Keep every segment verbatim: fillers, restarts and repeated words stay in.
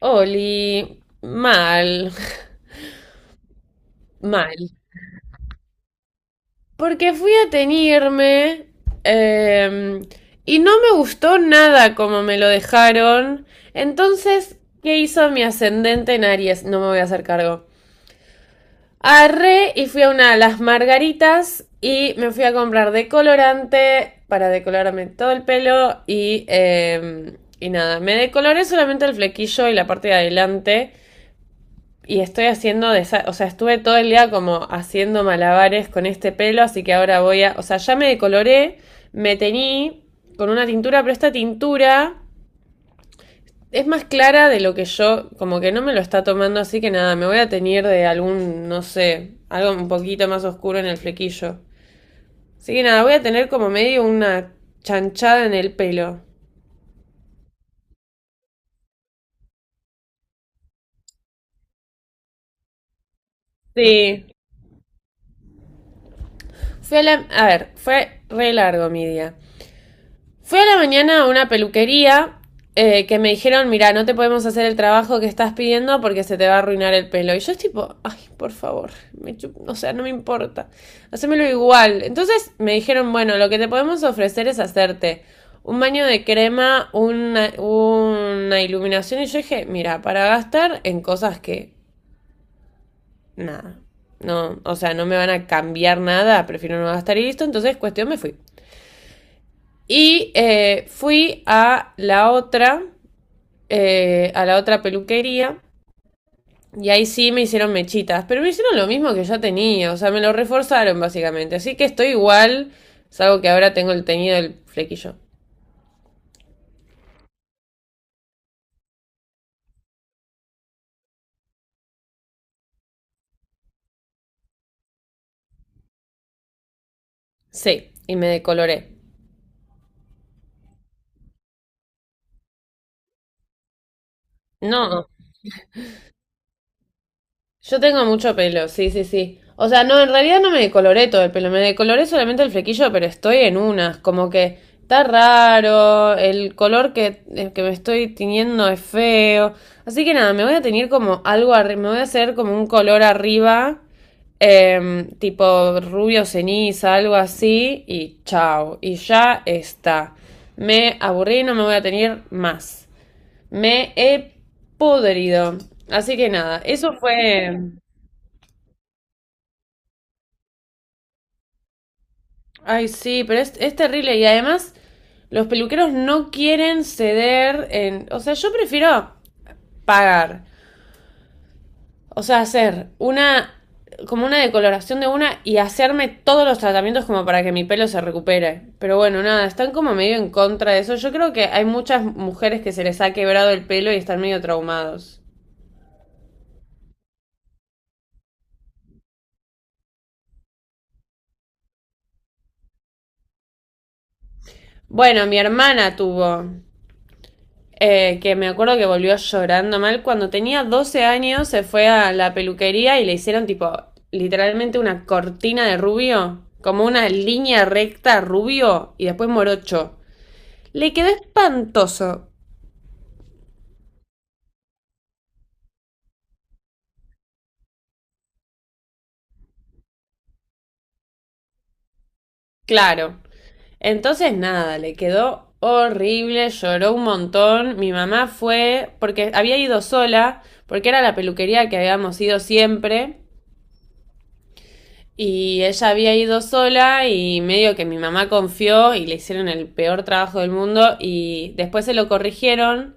Oli, mal, mal. Porque fui a teñirme em, y no me gustó nada como me lo dejaron. Entonces, ¿qué hizo mi ascendente en Aries? No me voy a hacer cargo. Arre y fui a una de las margaritas y me fui a comprar decolorante para decolorarme todo el pelo y, em, y nada, me decoloré solamente el flequillo y la parte de adelante. Y estoy haciendo, desa- o sea, estuve todo el día como haciendo malabares con este pelo, así que ahora voy a, o sea, ya me decoloré, me teñí con una tintura, pero esta tintura es más clara de lo que yo, como que no me lo está tomando, así que nada, me voy a teñir de algún, no sé, algo un poquito más oscuro en el flequillo. Así que nada, voy a tener como medio una chanchada en el pelo. Sí. Fue a, la- a ver, fue re largo mi día. Fui a la mañana a una peluquería eh, que me dijeron, mira, no te podemos hacer el trabajo que estás pidiendo porque se te va a arruinar el pelo. Y yo es tipo, ay, por favor, me chup- o sea, no me importa, hacémelo igual. Entonces me dijeron, bueno, lo que te podemos ofrecer es hacerte un baño de crema, una, una iluminación. Y yo dije, mira, para gastar en cosas que, nada, no, o sea, no me van a cambiar nada, prefiero no gastar y listo. Entonces, cuestión, me fui. Y eh, fui a la otra, eh, a la otra peluquería. Y ahí sí me hicieron mechitas. Pero me hicieron lo mismo que ya tenía. O sea, me lo reforzaron básicamente. Así que estoy igual. Salvo que ahora tengo el teñido del flequillo. Sí, y me decoloré. No, yo tengo mucho pelo, sí, sí, sí. O sea, no, en realidad no me decoloré todo el pelo, me decoloré solamente el flequillo, pero estoy en unas, como que está raro, el color que, el que me estoy tiñendo es feo. Así que nada, me voy a tener como algo arriba, me voy a hacer como un color arriba, em, tipo rubio ceniza, algo así, y chao, y ya está. Me aburrí, no me voy a tener más. Me he podrido. Así que nada, eso fue... Ay, sí, pero es, es terrible. Y además, los peluqueros no quieren ceder en. O sea, yo prefiero pagar. O sea, hacer una. Como una decoloración de una y hacerme todos los tratamientos como para que mi pelo se recupere. Pero bueno, nada, están como medio en contra de eso. Yo creo que hay muchas mujeres que se les ha quebrado el pelo y están medio traumados. Bueno, mi hermana tuvo. Eh, que me acuerdo que volvió llorando mal. Cuando tenía doce años se fue a la peluquería y le hicieron tipo literalmente una cortina de rubio, como una línea recta rubio y después morocho. Le quedó espantoso, claro. Entonces nada, le quedó horrible, lloró un montón. Mi mamá fue porque había ido sola, porque era la peluquería que habíamos ido siempre. Y ella había ido sola y medio que mi mamá confió y le hicieron el peor trabajo del mundo y después se lo corrigieron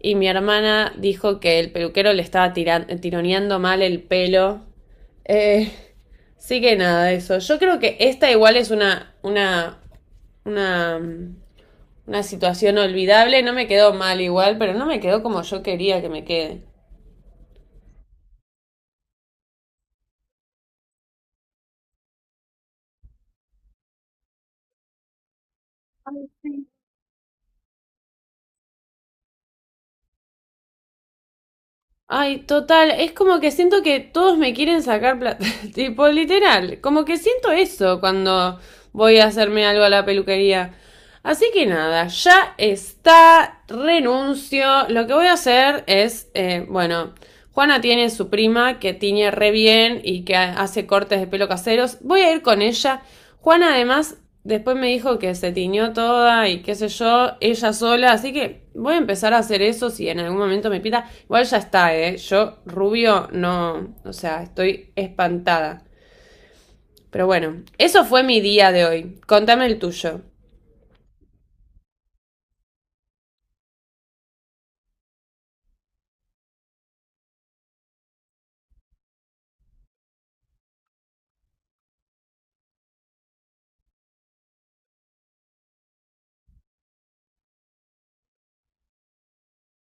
y mi hermana dijo que el peluquero le estaba tira- tironeando mal el pelo. Eh, sí que nada, eso. Yo creo que esta igual es una, una, una, una situación olvidable. No me quedó mal igual, pero no me quedó como yo quería que me quede. Ay, total, es como que siento que todos me quieren sacar plata, tipo literal, como que siento eso cuando voy a hacerme algo a la peluquería. Así que nada, ya está, renuncio, lo que voy a hacer es, eh, bueno, Juana tiene su prima que tiñe re bien y que hace cortes de pelo caseros. Voy a ir con ella. Juana además después me dijo que se tiñó toda y qué sé yo, ella sola. Así que voy a empezar a hacer eso si en algún momento me pita. Igual ya está, ¿eh? Yo rubio no, o sea, estoy espantada. Pero bueno, eso fue mi día de hoy. Contame el tuyo.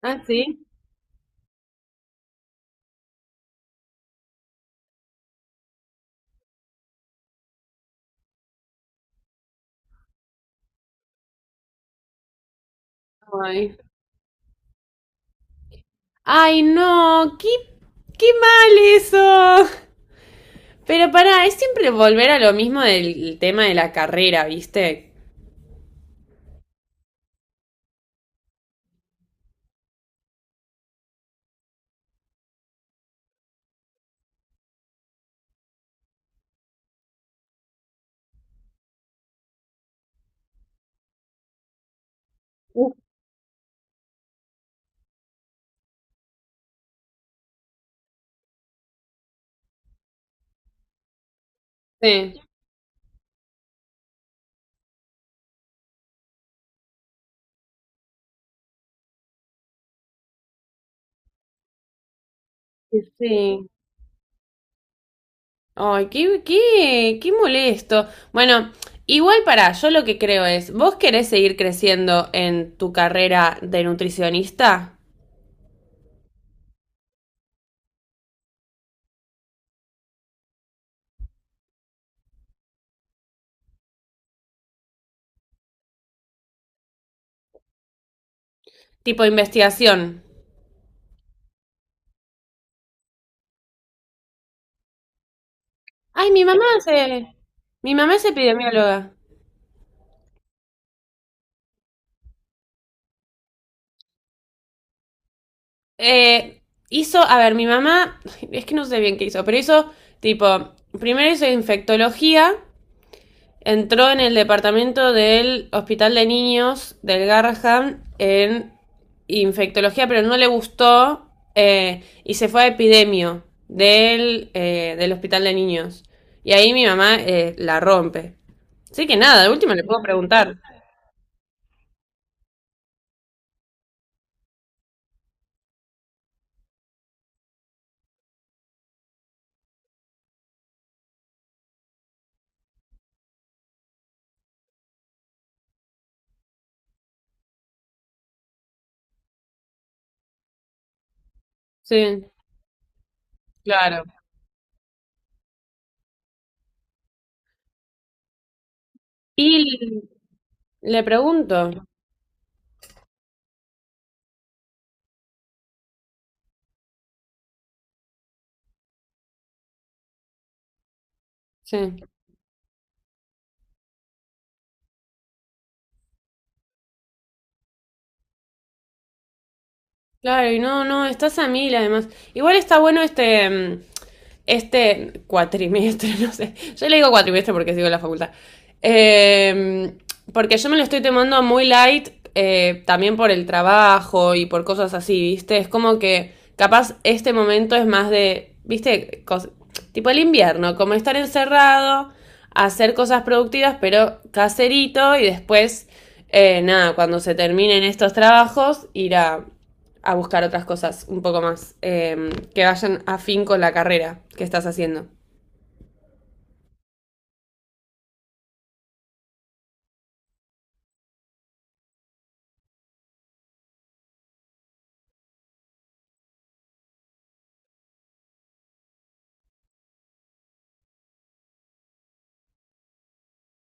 Ah, sí. Ay. Ay, no, qué, qué mal eso. Pero pará, es siempre volver a lo mismo del tema de la carrera, ¿viste? Uf, sí, sí. Ay, qué, qué, qué molesto. Bueno, igual para yo lo que creo es, ¿vos querés seguir creciendo en tu carrera de nutricionista? Tipo investigación. Ay, mi mamá se, mi mamá es epidemióloga. Eh, hizo, a ver, mi mamá, es que no sé bien qué hizo, pero hizo tipo, primero hizo infectología, entró en el departamento del Hospital de Niños del Garrahan en infectología, pero no le gustó eh, y se fue a epidemio del, eh, del Hospital de Niños. Y ahí mi mamá eh, la rompe. Así que nada, de última le puedo preguntar. Sí, claro. Y le pregunto. Sí. Claro, y no, no, estás a mil además. Igual está bueno este, mm, este cuatrimestre, no sé. Yo le digo cuatrimestre porque sigo en la facultad. Eh, porque yo me lo estoy tomando muy light, eh, también por el trabajo y por cosas así, ¿viste? Es como que capaz este momento es más de, ¿viste? Cos- tipo el invierno, como estar encerrado, hacer cosas productivas, pero caserito y después, eh, nada, cuando se terminen estos trabajos, ir a a buscar otras cosas un poco más eh, que vayan afín con la carrera que estás haciendo.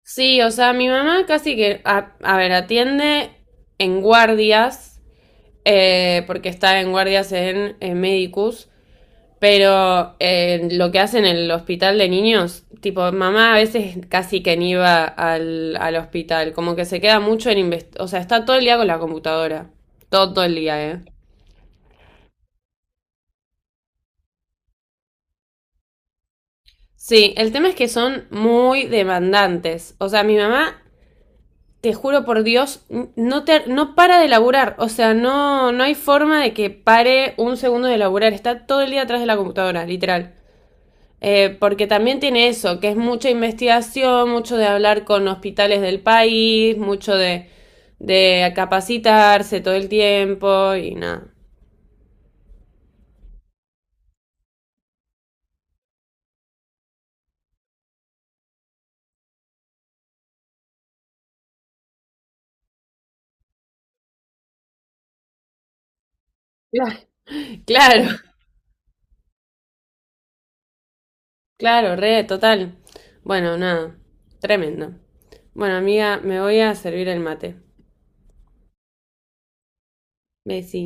Sí, o sea, mi mamá casi que, a, a ver, atiende en guardias, eh, porque está en guardias en, en Medicus, pero eh, lo que hace en el hospital de niños, tipo, mamá a veces casi que ni va al, al hospital, como que se queda mucho en, invest- o sea, está todo el día con la computadora, todo, todo el día, ¿eh? Sí, el tema es que son muy demandantes. O sea, mi mamá, te juro por Dios, n- no te, no para de laburar. O sea, no, no hay forma de que pare un segundo de laburar. Está todo el día atrás de la computadora, literal. Eh, porque también tiene eso, que es mucha investigación, mucho de hablar con hospitales del país, mucho de, de capacitarse todo el tiempo y nada. Claro. Claro. Claro, re, total. Bueno, nada, tremendo. Bueno, amiga, me voy a servir el mate. Besito.